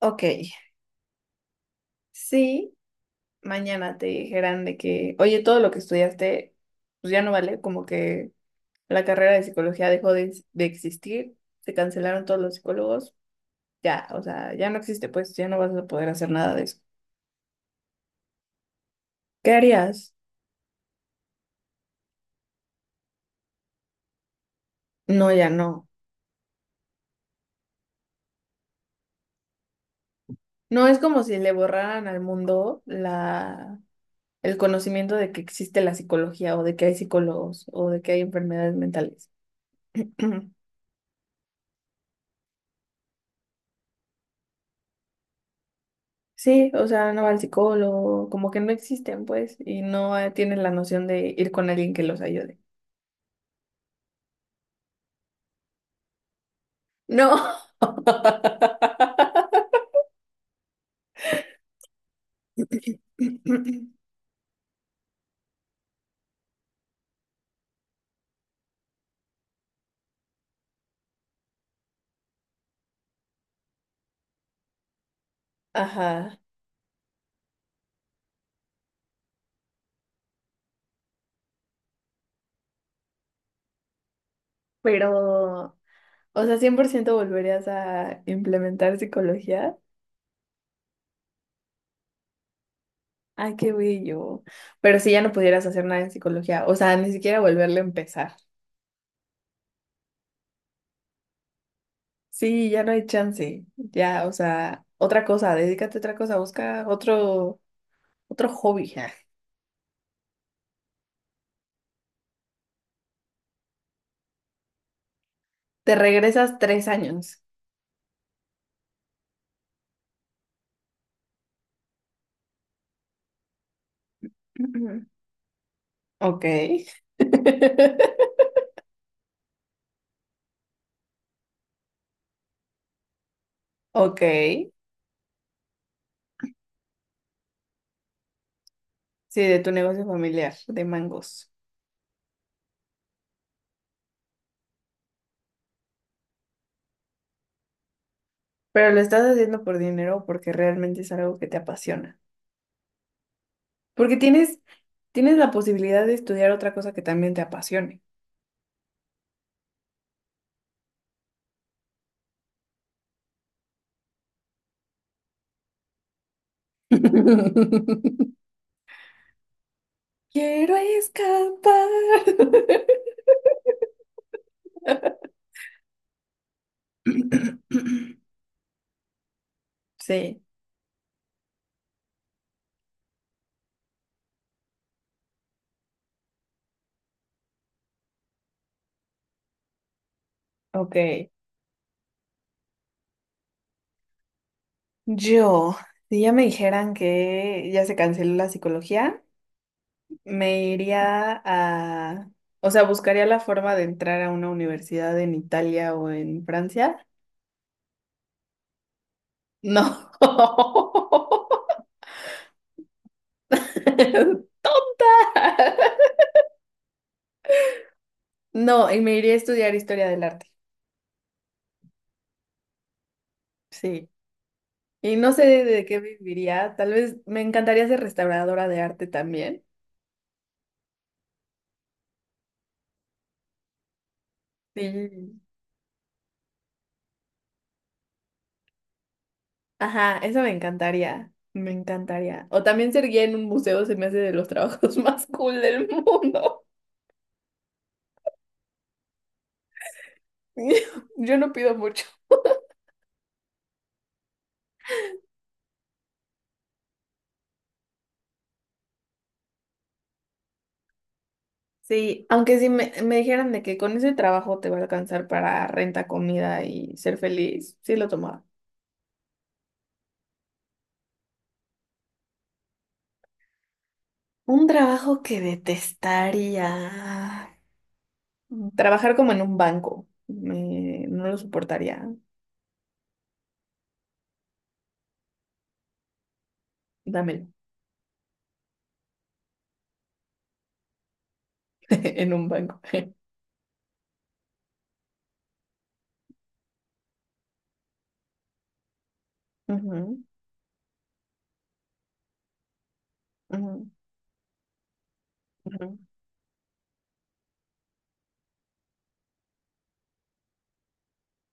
Ok, sí, mañana te dijeran de que, oye, todo lo que estudiaste, pues ya no vale, como que la carrera de psicología dejó de existir, se cancelaron todos los psicólogos, ya, o sea, ya no existe, pues ya no vas a poder hacer nada de eso. ¿Qué harías? No, ya no. No es como si le borraran al mundo la, el conocimiento de que existe la psicología o de que hay psicólogos o de que hay enfermedades mentales. Sí, o sea, no va al psicólogo, como que no existen, pues, y no tienen la noción de ir con alguien que los ayude. No. Ajá, pero, o sea, 100% volverías a implementar psicología. Ay, qué bello. Pero si ya no pudieras hacer nada en psicología, o sea, ni siquiera volverle a empezar. Sí, ya no hay chance. Ya, o sea, otra cosa, dedícate a otra cosa, busca otro, otro hobby. Ja. Te regresas 3 años. Ujú. Ok. Ok. Sí, de tu negocio familiar, de mangos. Pero lo estás haciendo por dinero o porque realmente es algo que te apasiona. Porque tienes, tienes la posibilidad de estudiar otra cosa que también te apasione. Quiero escapar. Sí, ok. Yo, si ya me dijeran que ya se canceló la psicología, me iría a, o sea, buscaría la forma de entrar a una universidad en Italia o en Francia. No. No, y me iría a estudiar historia del arte. Sí. Y no sé de qué viviría. Tal vez me encantaría ser restauradora de arte también. Sí. Ajá, eso me encantaría. Me encantaría. O también ser guía en un museo se me hace de los trabajos más cool del mundo. Yo no pido mucho. Sí, aunque si me dijeran de que con ese trabajo te va a alcanzar para renta, comida y ser feliz, sí lo tomaba. Un trabajo que detestaría. Mm. Trabajar como en un banco. No lo soportaría. Dámelo. En un banco. Ujú, ujú, ujú.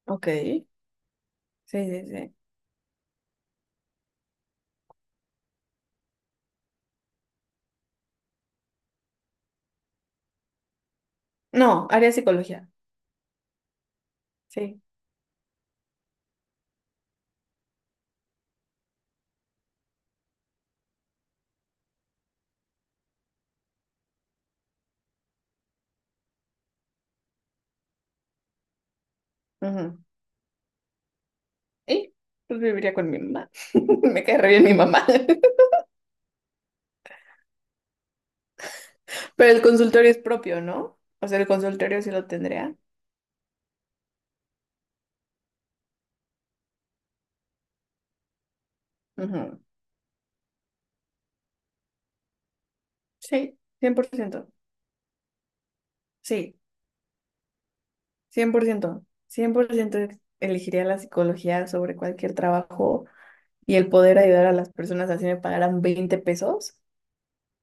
Ok. Sí, sí, sí. No, haría psicología. Sí. Ujú. Y pues viviría con mi mamá. Me cae re bien mi mamá. Pero el consultorio es propio, ¿no? O sea, el consultorio sí lo tendría. Ujú. Sí, 100%. Sí, cien por ciento, 100% elegiría la psicología sobre cualquier trabajo y el poder ayudar a las personas así me pagaran 20 pesos.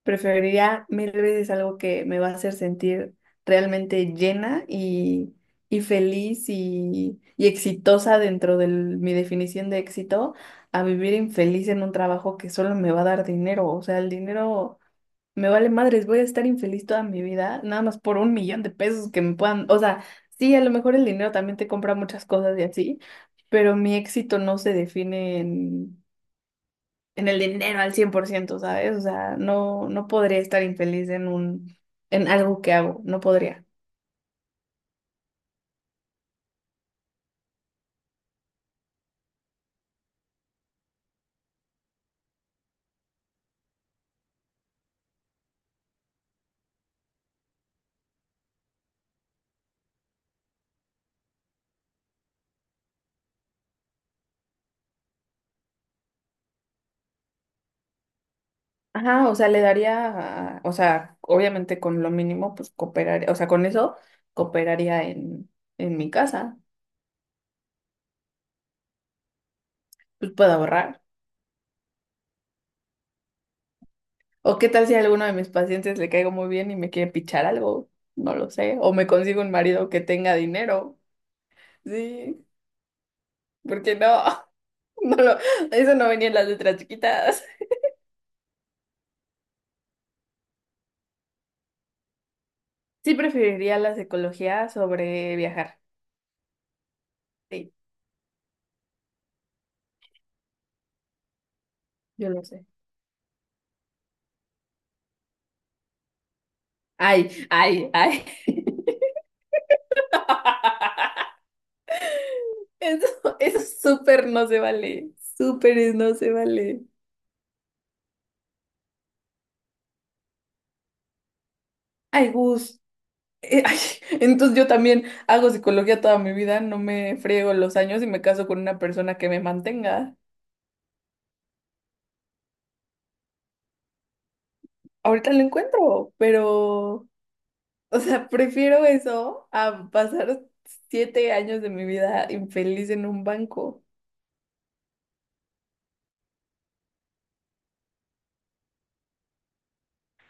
Preferiría mil veces algo que me va a hacer sentir realmente llena y feliz y exitosa dentro de mi definición de éxito, a vivir infeliz en un trabajo que solo me va a dar dinero. O sea, el dinero... Me vale madres, voy a estar infeliz toda mi vida, nada más por 1 millón de pesos que me puedan, o sea, sí, a lo mejor el dinero también te compra muchas cosas y así, pero mi éxito no se define en el dinero al 100%, ¿sabes? O sea, no, no podría estar infeliz en un, en algo que hago, no podría. Ajá, o sea, le daría, o sea, obviamente con lo mínimo, pues cooperaría, o sea, con eso cooperaría en mi casa, pues puedo ahorrar. O qué tal si a alguno de mis pacientes le caigo muy bien y me quiere pichar algo, no lo sé. O me consigo un marido que tenga dinero. Sí, porque no, no lo, eso no venía en las letras chiquitas. Sí preferiría la psicología sobre viajar. Sí, yo lo sé. Ay, ay, ay. Eso, eso súper no se vale. Súper no se vale. Ay, Gus. Ay, entonces yo también hago psicología toda mi vida, no me friego los años y me caso con una persona que me mantenga. Ahorita lo encuentro, pero, o sea, prefiero eso a pasar 7 años de mi vida infeliz en un banco.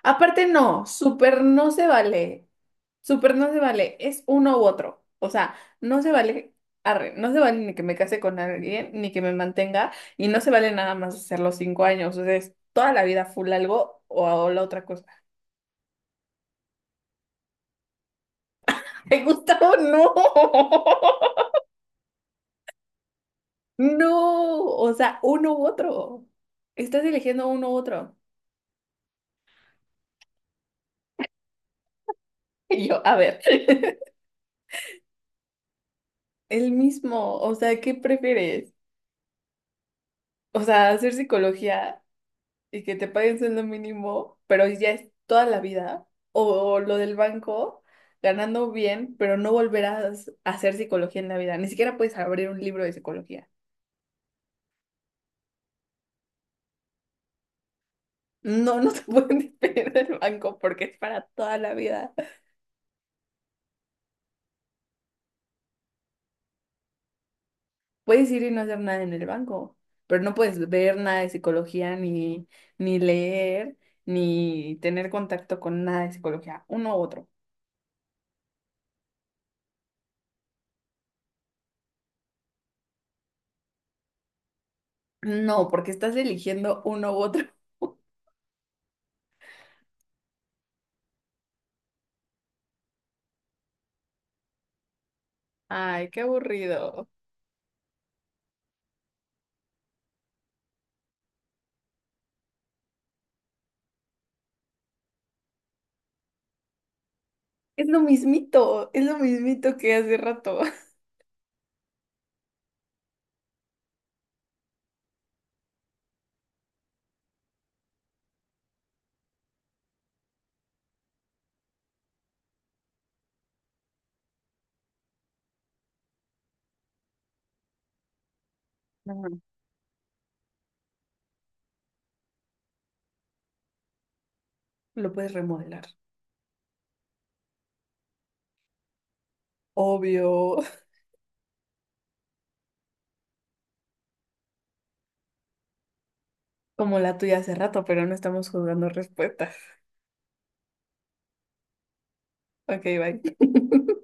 Aparte, no, súper no se vale. Súper no se vale. Es uno u otro. O sea, no se vale, arre, no se vale ni que me case con alguien, ni que me mantenga, y no se vale nada más hacer los 5 años. O sea, es toda la vida full algo o la otra cosa. Me gusta o no. No, o sea, uno u otro. Estás eligiendo uno u otro. Y yo, a ver, el mismo, o sea, ¿qué prefieres? O sea, hacer psicología y que te paguen sueldo mínimo, pero ya es toda la vida, o lo del banco, ganando bien, pero no volverás a hacer psicología en la vida, ni siquiera puedes abrir un libro de psicología. No, no te pueden despedir del banco porque es para toda la vida. Puedes ir y no hacer nada en el banco, pero no puedes ver nada de psicología, ni, ni leer, ni tener contacto con nada de psicología, uno u otro. No, porque estás eligiendo uno u otro. Ay, qué aburrido. Es lo mismito que hace rato. Ujú. Lo puedes remodelar. Obvio, como la tuya hace rato, pero no estamos juzgando respuestas. Ok, bye.